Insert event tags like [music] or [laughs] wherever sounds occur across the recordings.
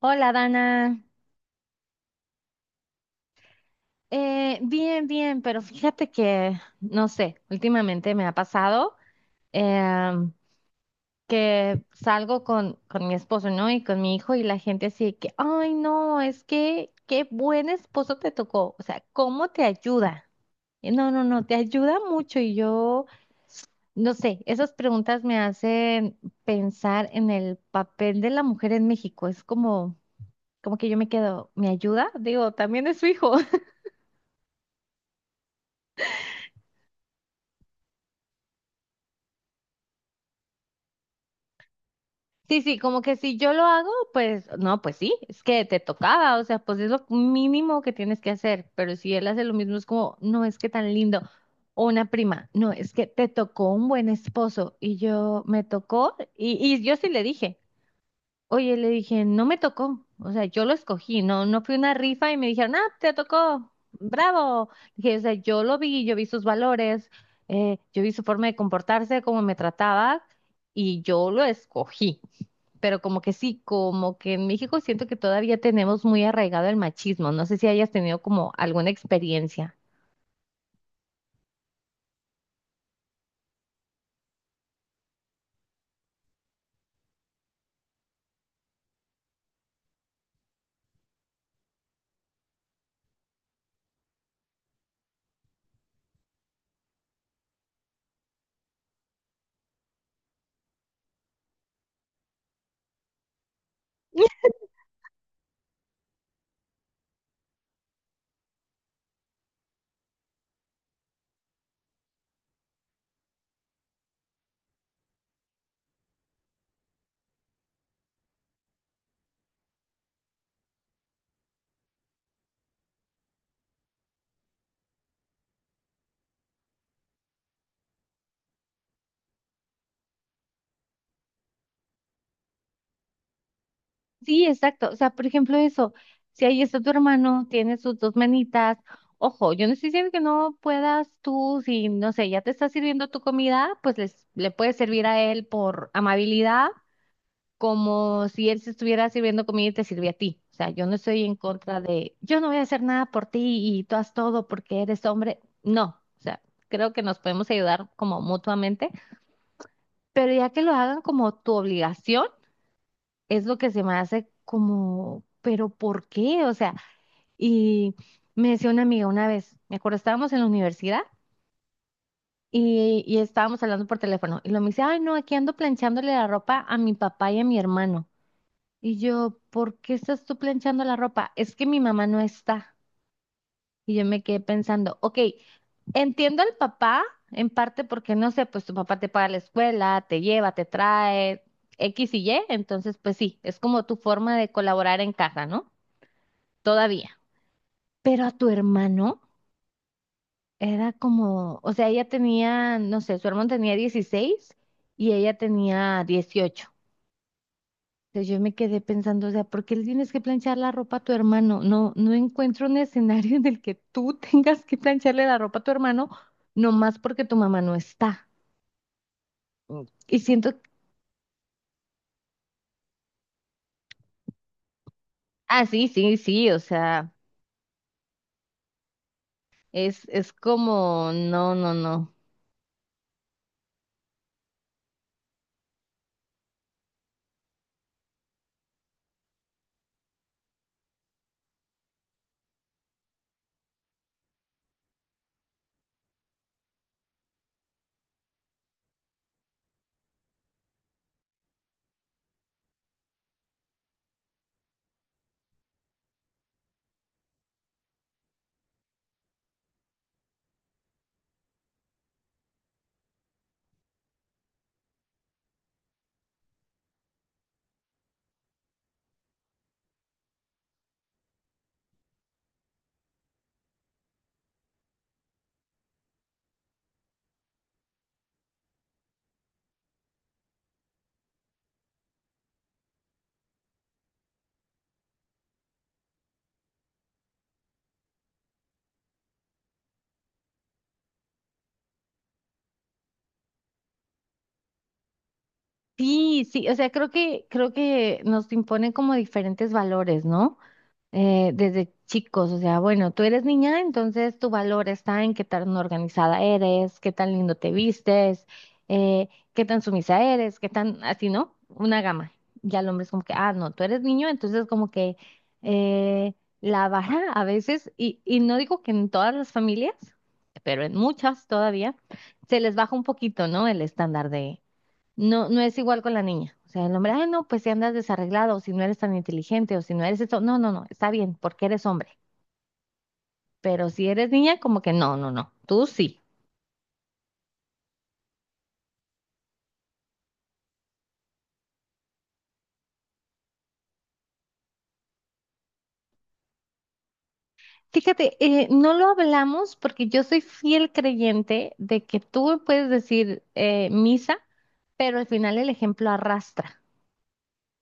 Hola, Dana. Bien, bien, pero fíjate que, no sé, últimamente me ha pasado em, que salgo con mi esposo, ¿no? Y con mi hijo y la gente así que, ay, no, es que, qué buen esposo te tocó. O sea, ¿cómo te ayuda? No, no, no, te ayuda mucho y yo, no sé, esas preguntas me hacen pensar en el papel de la mujer en México. Es como, como que yo me quedo, ¿me ayuda? Digo, también es su hijo. Sí, sí, como que si yo lo hago, pues no, pues sí, es que te tocaba, o sea, pues es lo mínimo que tienes que hacer, pero si él hace lo mismo es como, no, es que tan lindo, o una prima, no, es que te tocó un buen esposo y yo me tocó y yo sí le dije, oye, le dije, no me tocó, o sea, yo lo escogí, no, no fue una rifa y me dijeron, ah, te tocó, bravo, dije, o sea, yo lo vi, yo vi sus valores, yo vi su forma de comportarse, cómo me trataba y yo lo escogí, pero como que sí, como que en México siento que todavía tenemos muy arraigado el machismo. No sé si hayas tenido como alguna experiencia. Sí, exacto. O sea, por ejemplo, eso, si ahí está tu hermano, tiene sus dos manitas, ojo, yo no estoy diciendo que no puedas tú, si no sé, ya te está sirviendo tu comida, pues les, le puedes servir a él por amabilidad, como si él se estuviera sirviendo comida y te sirve a ti. O sea, yo no estoy en contra de, yo no voy a hacer nada por ti y tú haz todo porque eres hombre. No, o sea, creo que nos podemos ayudar como mutuamente, pero ya que lo hagan como tu obligación, es lo que se me hace como, pero ¿por qué? O sea, y me decía una amiga una vez, me acuerdo, estábamos en la universidad. Y estábamos hablando por teléfono. Y lo me dice, ay, no, aquí ando planchándole la ropa a mi papá y a mi hermano. Y yo, ¿por qué estás tú planchando la ropa? Es que mi mamá no está. Y yo me quedé pensando, ok, entiendo al papá en parte porque no sé, pues tu papá te paga la escuela, te lleva, te trae X y Y, entonces pues sí, es como tu forma de colaborar en casa, ¿no? Todavía. Pero a tu hermano era como, o sea, ella tenía, no sé, su hermano tenía 16 y ella tenía 18. Entonces yo me quedé pensando, o sea, ¿por qué le tienes que planchar la ropa a tu hermano? No, no encuentro un escenario en el que tú [laughs] tengas que plancharle la ropa a tu hermano, nomás porque tu mamá no está. Mm. Y siento, ah, sí, sí, sí, o sea, es como, no, no, no. Sí, sí, o sea, creo que nos imponen como diferentes valores, ¿no? Desde chicos, o sea, bueno, tú eres niña, entonces tu valor está en qué tan organizada eres, qué tan lindo te vistes, eh, qué tan sumisa eres, qué tan así, ¿no? Una gama. Ya el hombre es como que, ah, no, tú eres niño, entonces como que eh, la vara a veces, y no digo que en todas las familias, pero en muchas todavía, se les baja un poquito, ¿no? El estándar no, no es igual con la niña. O sea, el hombre, ay, no, pues si andas desarreglado, o si no eres tan inteligente, o si no eres esto. No, no, no, está bien, porque eres hombre. Pero si eres niña, como que no, no, no, tú sí. Fíjate, no lo hablamos porque yo soy fiel creyente de que tú puedes decir misa, pero al final el ejemplo arrastra.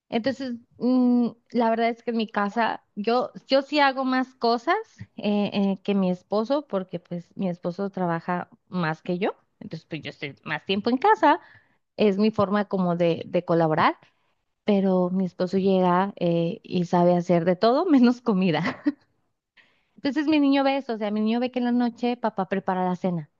Entonces, mm, la verdad es que en mi casa yo sí hago más cosas que mi esposo, porque pues mi esposo trabaja más que yo, entonces pues yo estoy más tiempo en casa, es mi forma como de colaborar, pero mi esposo llega y sabe hacer de todo menos comida. [laughs] Entonces mi niño ve eso, o sea, mi niño ve que en la noche papá prepara la cena,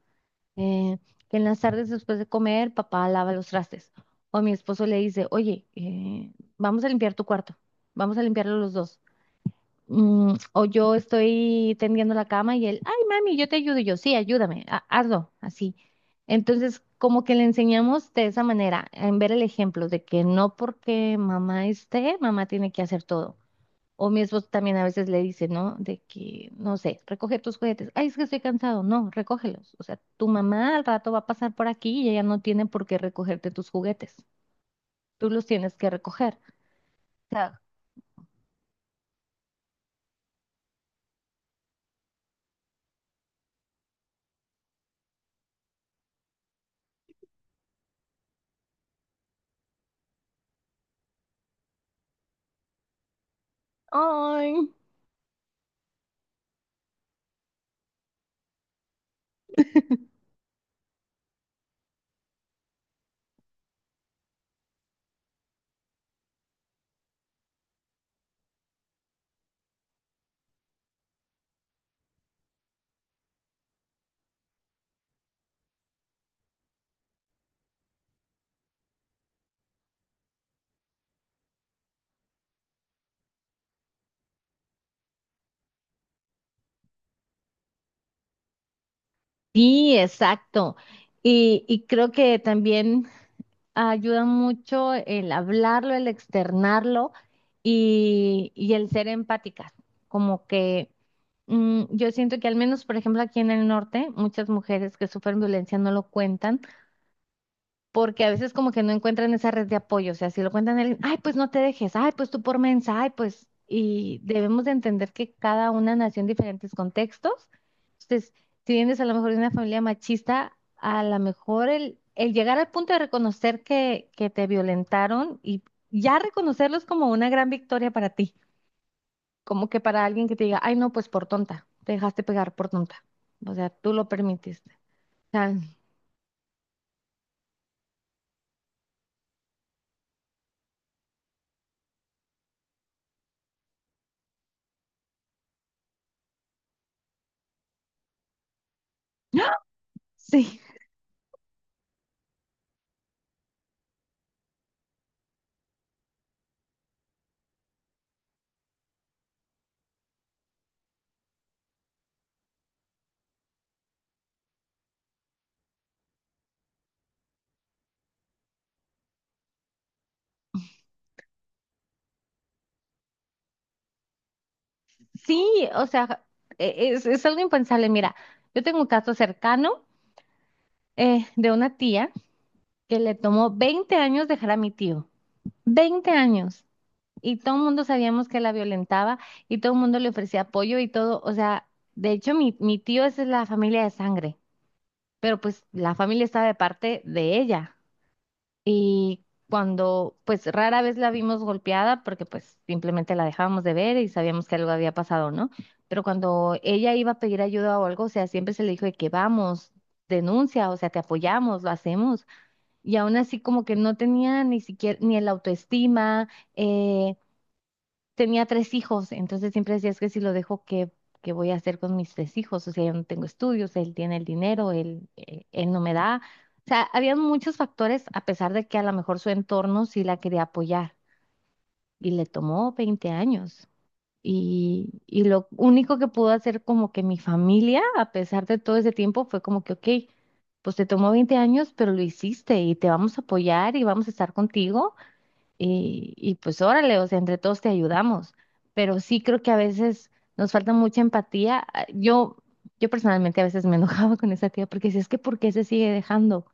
eh, que en las tardes después de comer, papá lava los trastes. O mi esposo le dice, oye, vamos a limpiar tu cuarto, vamos a limpiarlo los dos. Mm, o yo estoy tendiendo la cama y él, ay, mami, yo te ayudo. Y yo, sí, ayúdame, hazlo, así. Entonces, como que le enseñamos de esa manera, en ver el ejemplo de que no porque mamá esté, mamá tiene que hacer todo. O mi esposo también a veces le dice, ¿no? De que, no sé, recoge tus juguetes. Ay, es que estoy cansado. No, recógelos. O sea, tu mamá al rato va a pasar por aquí y ella no tiene por qué recogerte tus juguetes. Tú los tienes que recoger. O sea, ay. [laughs] Sí, exacto. Y creo que también ayuda mucho el hablarlo, el externarlo y el ser empáticas. Como que mm, yo siento que al menos, por ejemplo, aquí en el norte, muchas mujeres que sufren violencia no lo cuentan porque a veces como que no encuentran esa red de apoyo, o sea, si lo cuentan a alguien, ay, pues no te dejes, ay, pues tú por mensa, ay, pues, y debemos de entender que cada una nació en diferentes contextos. Entonces, si vienes a lo mejor de una familia machista, a lo mejor el llegar al punto de reconocer que te violentaron y ya reconocerlo es como una gran victoria para ti, como que para alguien que te diga, ay, no, pues por tonta, te dejaste pegar por tonta, o sea, tú lo permitiste. O sea, [laughs] sí, Sí, o sea, es algo impensable. Mira, yo tengo un caso cercano de una tía que le tomó 20 años dejar a mi tío. 20 años. Y todo el mundo sabíamos que la violentaba y todo el mundo le ofrecía apoyo y todo. O sea, de hecho, mi tío es de la familia de sangre, pero pues la familia está de parte de ella. Y cuando, pues rara vez la vimos golpeada porque pues simplemente la dejábamos de ver y sabíamos que algo había pasado, ¿no? Pero cuando ella iba a pedir ayuda o algo, o sea, siempre se le dijo de que vamos, denuncia, o sea, te apoyamos, lo hacemos. Y aún así como que no tenía ni siquiera ni el autoestima, eh, tenía 3 hijos, entonces siempre decía, es que si lo dejo, ¿qué, qué voy a hacer con mis 3 hijos? O sea, yo no tengo estudios, él tiene el dinero, él, él no me da. O sea, había muchos factores, a pesar de que a lo mejor su entorno sí la quería apoyar y le tomó 20 años. Y lo único que pudo hacer como que mi familia, a pesar de todo ese tiempo, fue como que, ok, pues te tomó 20 años, pero lo hiciste y te vamos a apoyar y vamos a estar contigo y pues órale, o sea, entre todos te ayudamos, pero sí creo que a veces nos falta mucha empatía. Ah, Yo personalmente a veces me [laughs] enojaba con esa tía porque decía, es que ¿por qué se sigue dejando?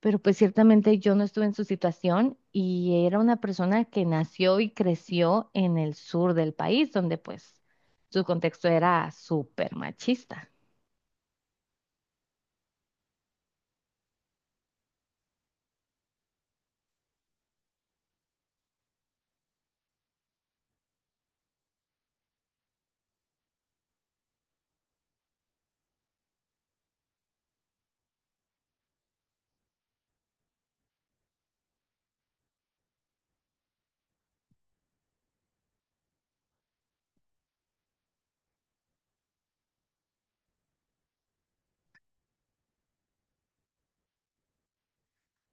Pero pues ciertamente yo no estuve en su situación y era una persona que nació y creció en el sur del país, donde pues su contexto era súper machista.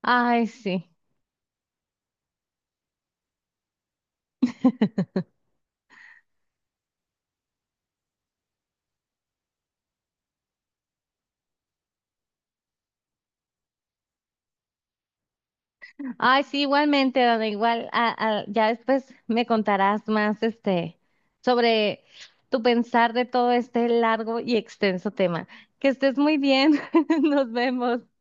Ay, sí. Ay, sí, igualmente, Dana, igual, ya después me contarás más, este, sobre tu pensar de todo este largo y extenso tema. Que estés muy bien, [laughs] nos vemos.